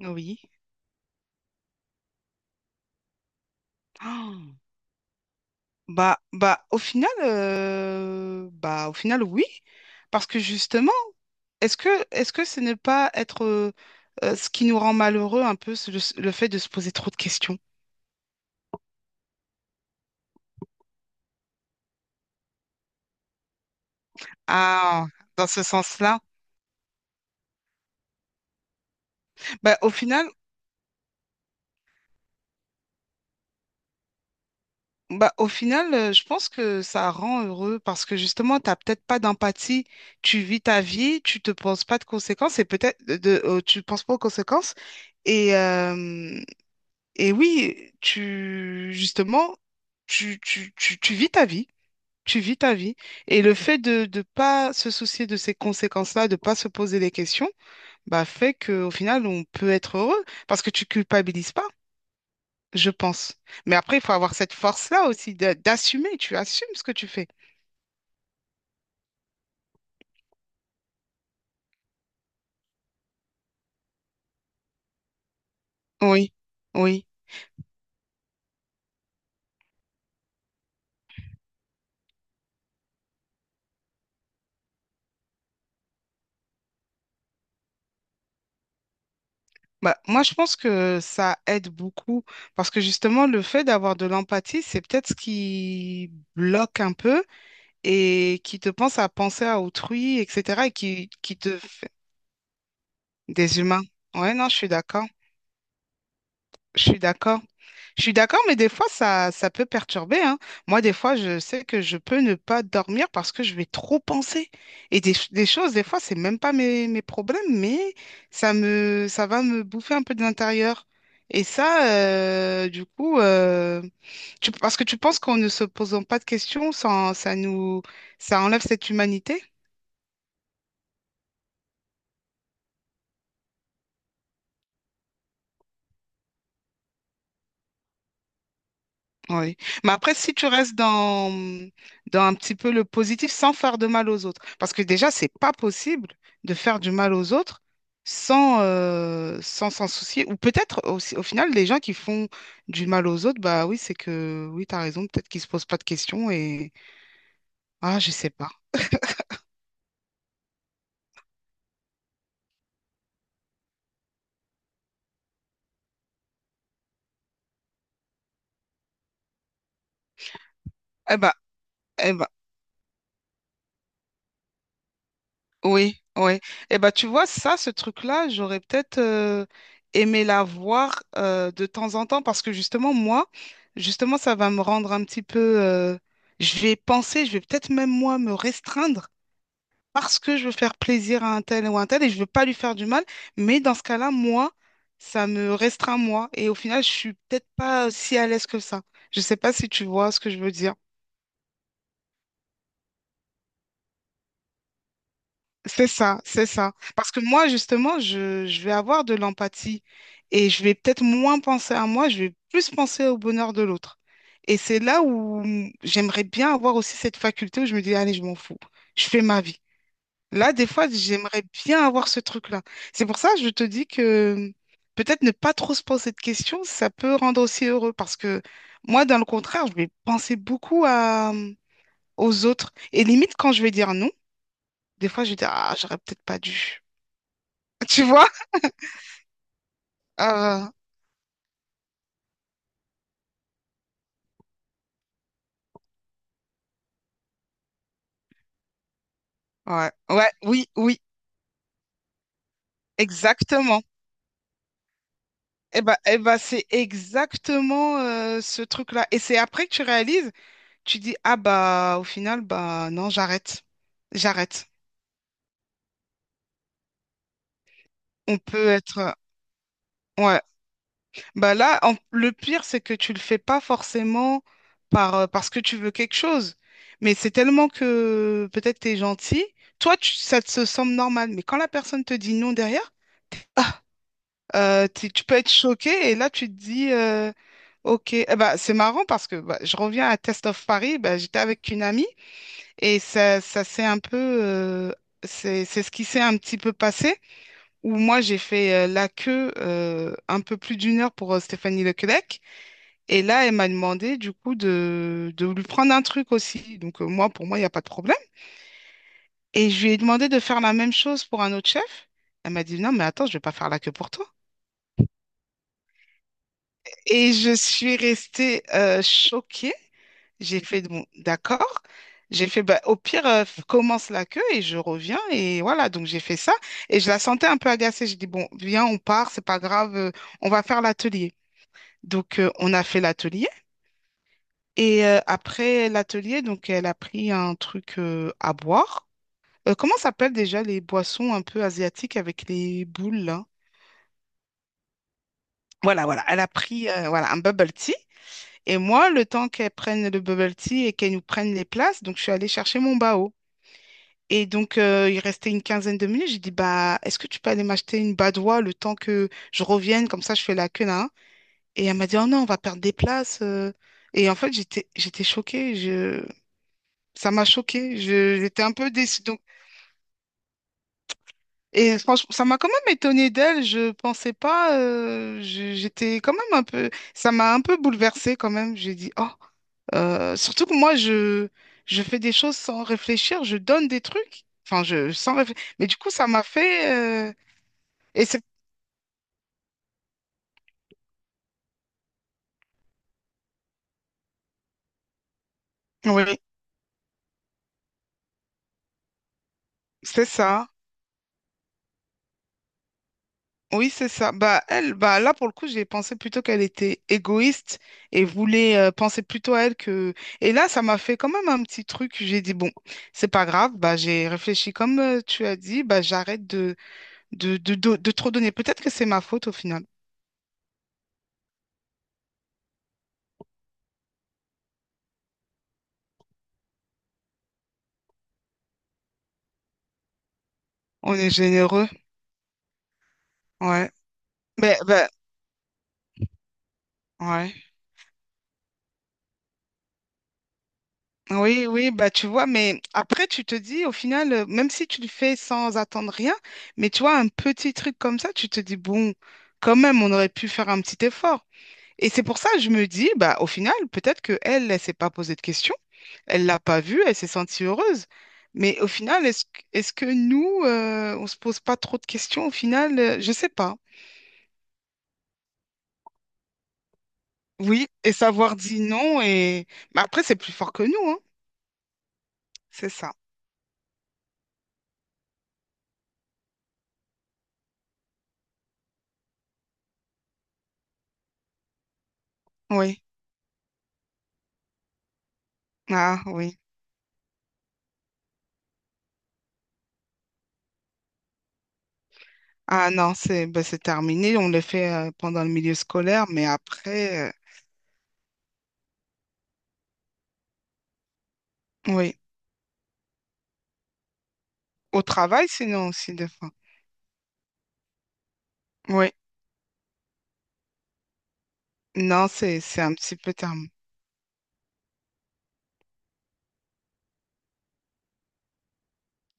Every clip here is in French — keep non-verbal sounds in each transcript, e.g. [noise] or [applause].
Oui. Ah. Au final, oui. Parce que justement, est-ce que ce n'est pas être ce qui nous rend malheureux un peu, c'est le fait de se poser trop de questions? Ah, dans ce sens-là. Bah, au final, je pense que ça rend heureux parce que justement, tu n'as peut-être pas d'empathie. Tu vis ta vie, tu te penses pas de conséquences et tu penses pas aux conséquences. Et, euh, Et oui, tu, justement, tu vis ta vie, tu vis ta vie. Et le fait de ne pas se soucier de ces conséquences-là, de pas se poser des questions, bah, fait qu'au final, on peut être heureux parce que tu culpabilises pas, je pense. Mais après, il faut avoir cette force-là aussi d'assumer, tu assumes ce que tu fais. Oui, oui. Bah, moi, je pense que ça aide beaucoup parce que justement, le fait d'avoir de l'empathie, c'est peut-être ce qui bloque un peu et qui te pense à penser à autrui, etc. et qui te fait des humains. Ouais, non, je suis d'accord. Je suis d'accord. Je suis d'accord, mais des fois, ça peut perturber, hein. Moi, des fois, je sais que je peux ne pas dormir parce que je vais trop penser. Et des choses, des fois, c'est même pas mes problèmes, mais ça va me bouffer un peu de l'intérieur. Et ça, du coup, tu- Parce que tu penses qu'en ne se posant pas de questions, ça enlève cette humanité? Oui. Mais après, si tu restes dans, dans un petit peu le positif sans faire de mal aux autres, parce que déjà, c'est pas possible de faire du mal aux autres sans s'en soucier. Ou peut-être aussi, au final, les gens qui font du mal aux autres, bah oui, c'est que oui, tu as raison, peut-être qu'ils se posent pas de questions et ah, je sais pas. Eh ben, eh ben, Oui, oui. Eh ben, tu vois, ce truc-là, j'aurais peut-être aimé la voir de temps en temps parce que justement, justement, ça va me rendre un petit peu, je vais penser, je vais peut-être même moi me restreindre parce que je veux faire plaisir à un tel ou un tel et je veux pas lui faire du mal. Mais dans ce cas-là, moi, ça me restreint moi et au final, je suis peut-être pas si à l'aise que ça. Je sais pas si tu vois ce que je veux dire. C'est ça, c'est ça. Parce que moi, justement, je vais avoir de l'empathie et je vais peut-être moins penser à moi, je vais plus penser au bonheur de l'autre. Et c'est là où j'aimerais bien avoir aussi cette faculté où je me dis, allez, je m'en fous, je fais ma vie. Là, des fois, j'aimerais bien avoir ce truc-là. C'est pour ça que je te dis que peut-être ne pas trop se poser de questions, ça peut rendre aussi heureux. Parce que moi, dans le contraire, je vais penser beaucoup aux autres. Et limite, quand je vais dire non, des fois, je vais dire, ah, j'aurais peut-être pas dû. Tu vois? Euh, ouais, oui, oui, exactement. C'est exactement ce truc-là. Et c'est après que tu réalises, tu dis, ah bah au final, bah non, j'arrête. J'arrête. On peut être. Ouais. Bah là, le pire, c'est que tu le fais pas forcément parce que tu veux quelque chose. Mais c'est tellement que peut-être t'es gentil. Ça te semble normal. Mais quand la personne te dit non derrière, ah, tu peux être choqué. Et là, tu te dis. Ok, eh ben, c'est marrant parce que bah, je reviens à Test of Paris, bah, j'étais avec une amie et ça s'est un peu, c'est ce qui s'est un petit peu passé, où moi j'ai fait la queue un peu plus d'une heure pour Stéphanie Lequelec et là elle m'a demandé du coup de lui prendre un truc aussi, moi pour moi il n'y a pas de problème et je lui ai demandé de faire la même chose pour un autre chef, elle m'a dit non mais attends je vais pas faire la queue pour toi et je suis restée choquée. J'ai fait, bon, d'accord. J'ai fait, bah, au pire, commence la queue et je reviens. Et voilà, donc j'ai fait ça. Et je la sentais un peu agacée. J'ai dit, bon, viens, on part, c'est pas grave, on va faire l'atelier. Donc, on a fait l'atelier. Et après l'atelier, donc, elle a pris un truc à boire. Comment s'appellent déjà les boissons un peu asiatiques avec les boules, là? Voilà, voilà. Elle a pris voilà, un bubble tea. Et moi, le temps qu'elle prenne le bubble tea et qu'elle nous prenne les places, donc je suis allée chercher mon bao. Et donc, il restait une quinzaine de minutes. J'ai dit, bah, est-ce que tu peux aller m'acheter une badoie le temps que je revienne? Comme ça, je fais la queue là. Hein. Et elle m'a dit, oh non, on va perdre des places. Et en fait, j'étais choquée. Je... Ça m'a choquée. Je... J'étais un peu déçue. Donc... Et franchement, ça m'a quand même étonnée d'elle. Je pensais pas. J'étais quand même un peu. Ça m'a un peu bouleversée quand même. J'ai dit, oh. Surtout que moi, je fais des choses sans réfléchir. Je donne des trucs. Enfin, je... sans réfléchir. Mais du coup, ça m'a fait. Et c'est oui, c'est ça. Oui, c'est ça. Bah elle, bah là pour le coup, j'ai pensé plutôt qu'elle était égoïste et voulait penser plutôt à elle que. Et là, ça m'a fait quand même un petit truc. J'ai dit bon, c'est pas grave. Bah j'ai réfléchi comme tu as dit. Bah j'arrête de trop donner. Peut-être que c'est ma faute au final. On est généreux. Ouais. Mais bah ouais. Oui, oui, bah tu vois, mais après tu te dis au final, même si tu le fais sans attendre rien, mais tu vois, un petit truc comme ça, tu te dis, bon, quand même, on aurait pu faire un petit effort. Et c'est pour ça que je me dis, bah au final, peut-être que elle, elle s'est pas posée de questions, elle l'a pas vu, elle s'est sentie heureuse. Mais au final, est-ce que nous, on se pose pas trop de questions au final? Je sais pas. Oui, et savoir dire non, et mais après, c'est plus fort que nous, hein. C'est ça. Oui. Ah oui. Ah non, c'est bah, c'est terminé. On le fait pendant le milieu scolaire, mais après, oui. Au travail, sinon aussi, des fois. Oui. Non, c'est un petit peu terminé.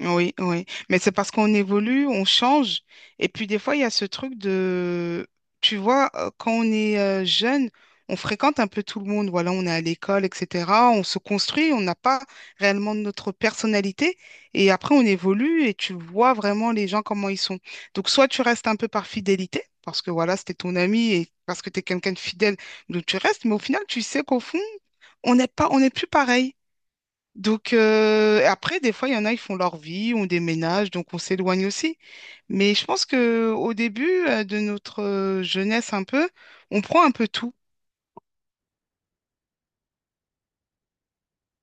Oui, oui. Mais c'est parce qu'on évolue, on change. Et puis des fois, il y a ce truc de, tu vois, quand on est jeune, on fréquente un peu tout le monde. Voilà, on est à l'école, etc. On se construit, on n'a pas réellement notre personnalité. Et après, on évolue et tu vois vraiment les gens comment ils sont. Donc, soit tu restes un peu par fidélité, parce que voilà, c'était ton ami et parce que tu es quelqu'un de fidèle, donc tu restes. Mais au final, tu sais qu'au fond, on n'est plus pareil. Donc, après, des fois, il y en a, ils font leur vie, on déménage, donc on s'éloigne aussi. Mais je pense que au début de notre jeunesse un peu, on prend un peu tout.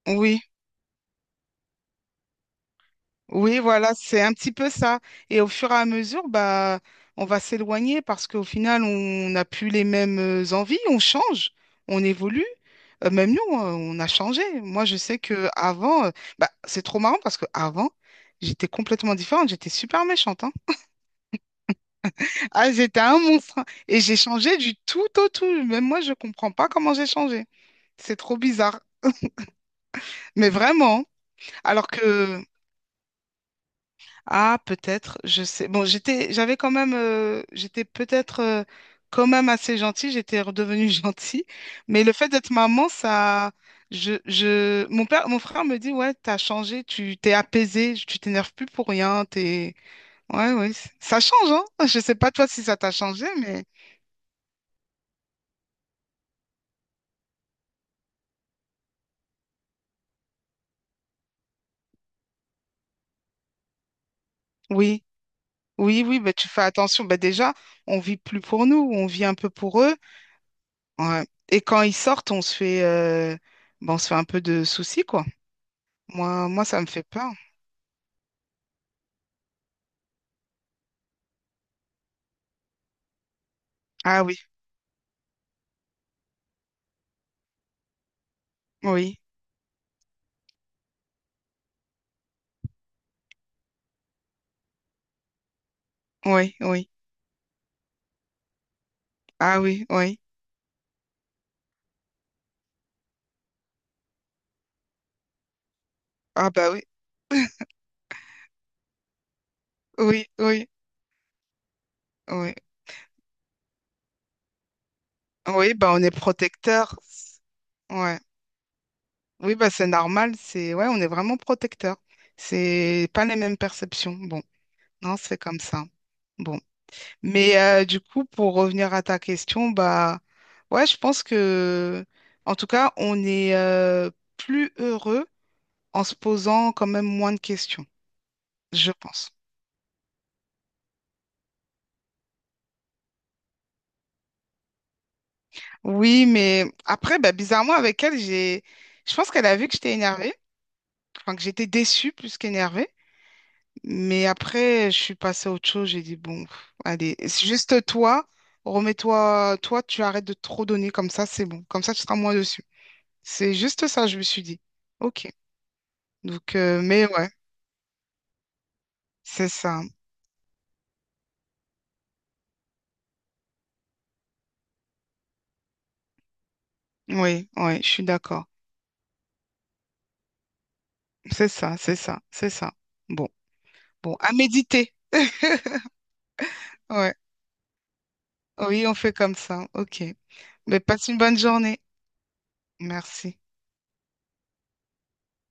Oui, oui, voilà, c'est un petit peu ça. Et au fur et à mesure, bah, on va s'éloigner parce qu'au final, on n'a plus les mêmes envies, on change, on évolue. Même nous, on a changé. Moi, je sais que avant, bah, c'est trop marrant parce que avant, j'étais complètement différente, j'étais super méchante, hein. Ah, c'était un monstre. Hein. Et j'ai changé du tout au tout. Même moi, je comprends pas comment j'ai changé. C'est trop bizarre. Mais vraiment. Alors que, ah, peut-être, je sais. Bon, j'avais quand même, j'étais peut-être quand même assez gentille. J'étais redevenue [laughs] gentille. Mais le fait d'être maman, ça, mon père, mon frère me dit, ouais, t'as changé, tu t'es apaisée, tu t'énerves plus pour rien. T'es, ouais, oui. Ça change, hein. [laughs] Je sais pas toi si ça t'a changé, mais oui. Oui, oui, bah, tu fais attention. Bah, déjà, on vit plus pour nous, on vit un peu pour eux. Ouais. Et quand ils sortent, bah, on se fait un peu de soucis, quoi. Moi, moi, ça me fait peur. Ah oui, oui, oui, oui. Ah oui, oui. Ah bah oui, oui, oui, oui. Oui, bah on est protecteur. Ouais. Oui, bah c'est normal. C'est ouais, on est vraiment protecteur. C'est pas les mêmes perceptions. Bon, non, c'est comme ça. Bon. Mais du coup, pour revenir à ta question, bah ouais, je pense que en tout cas, on est plus heureux en se posant quand même moins de questions, je pense. Oui, mais après, bah, bizarrement, avec elle, j'ai je pense qu'elle a vu que j'étais énervée, enfin que j'étais déçue plus qu'énervée. Mais après, je suis passée à autre chose, j'ai dit bon, pff, allez, c'est juste toi, remets-toi, toi, tu arrêtes de trop donner comme ça, c'est bon. Comme ça, tu seras moins dessus. C'est juste ça, je me suis dit. Ok. Donc, mais ouais, c'est ça. Oui, ouais, je suis d'accord. C'est ça, c'est ça, c'est ça. Bon, bon, à méditer. Ouais, oui, on fait comme ça. OK. Mais passe une bonne journée. Merci.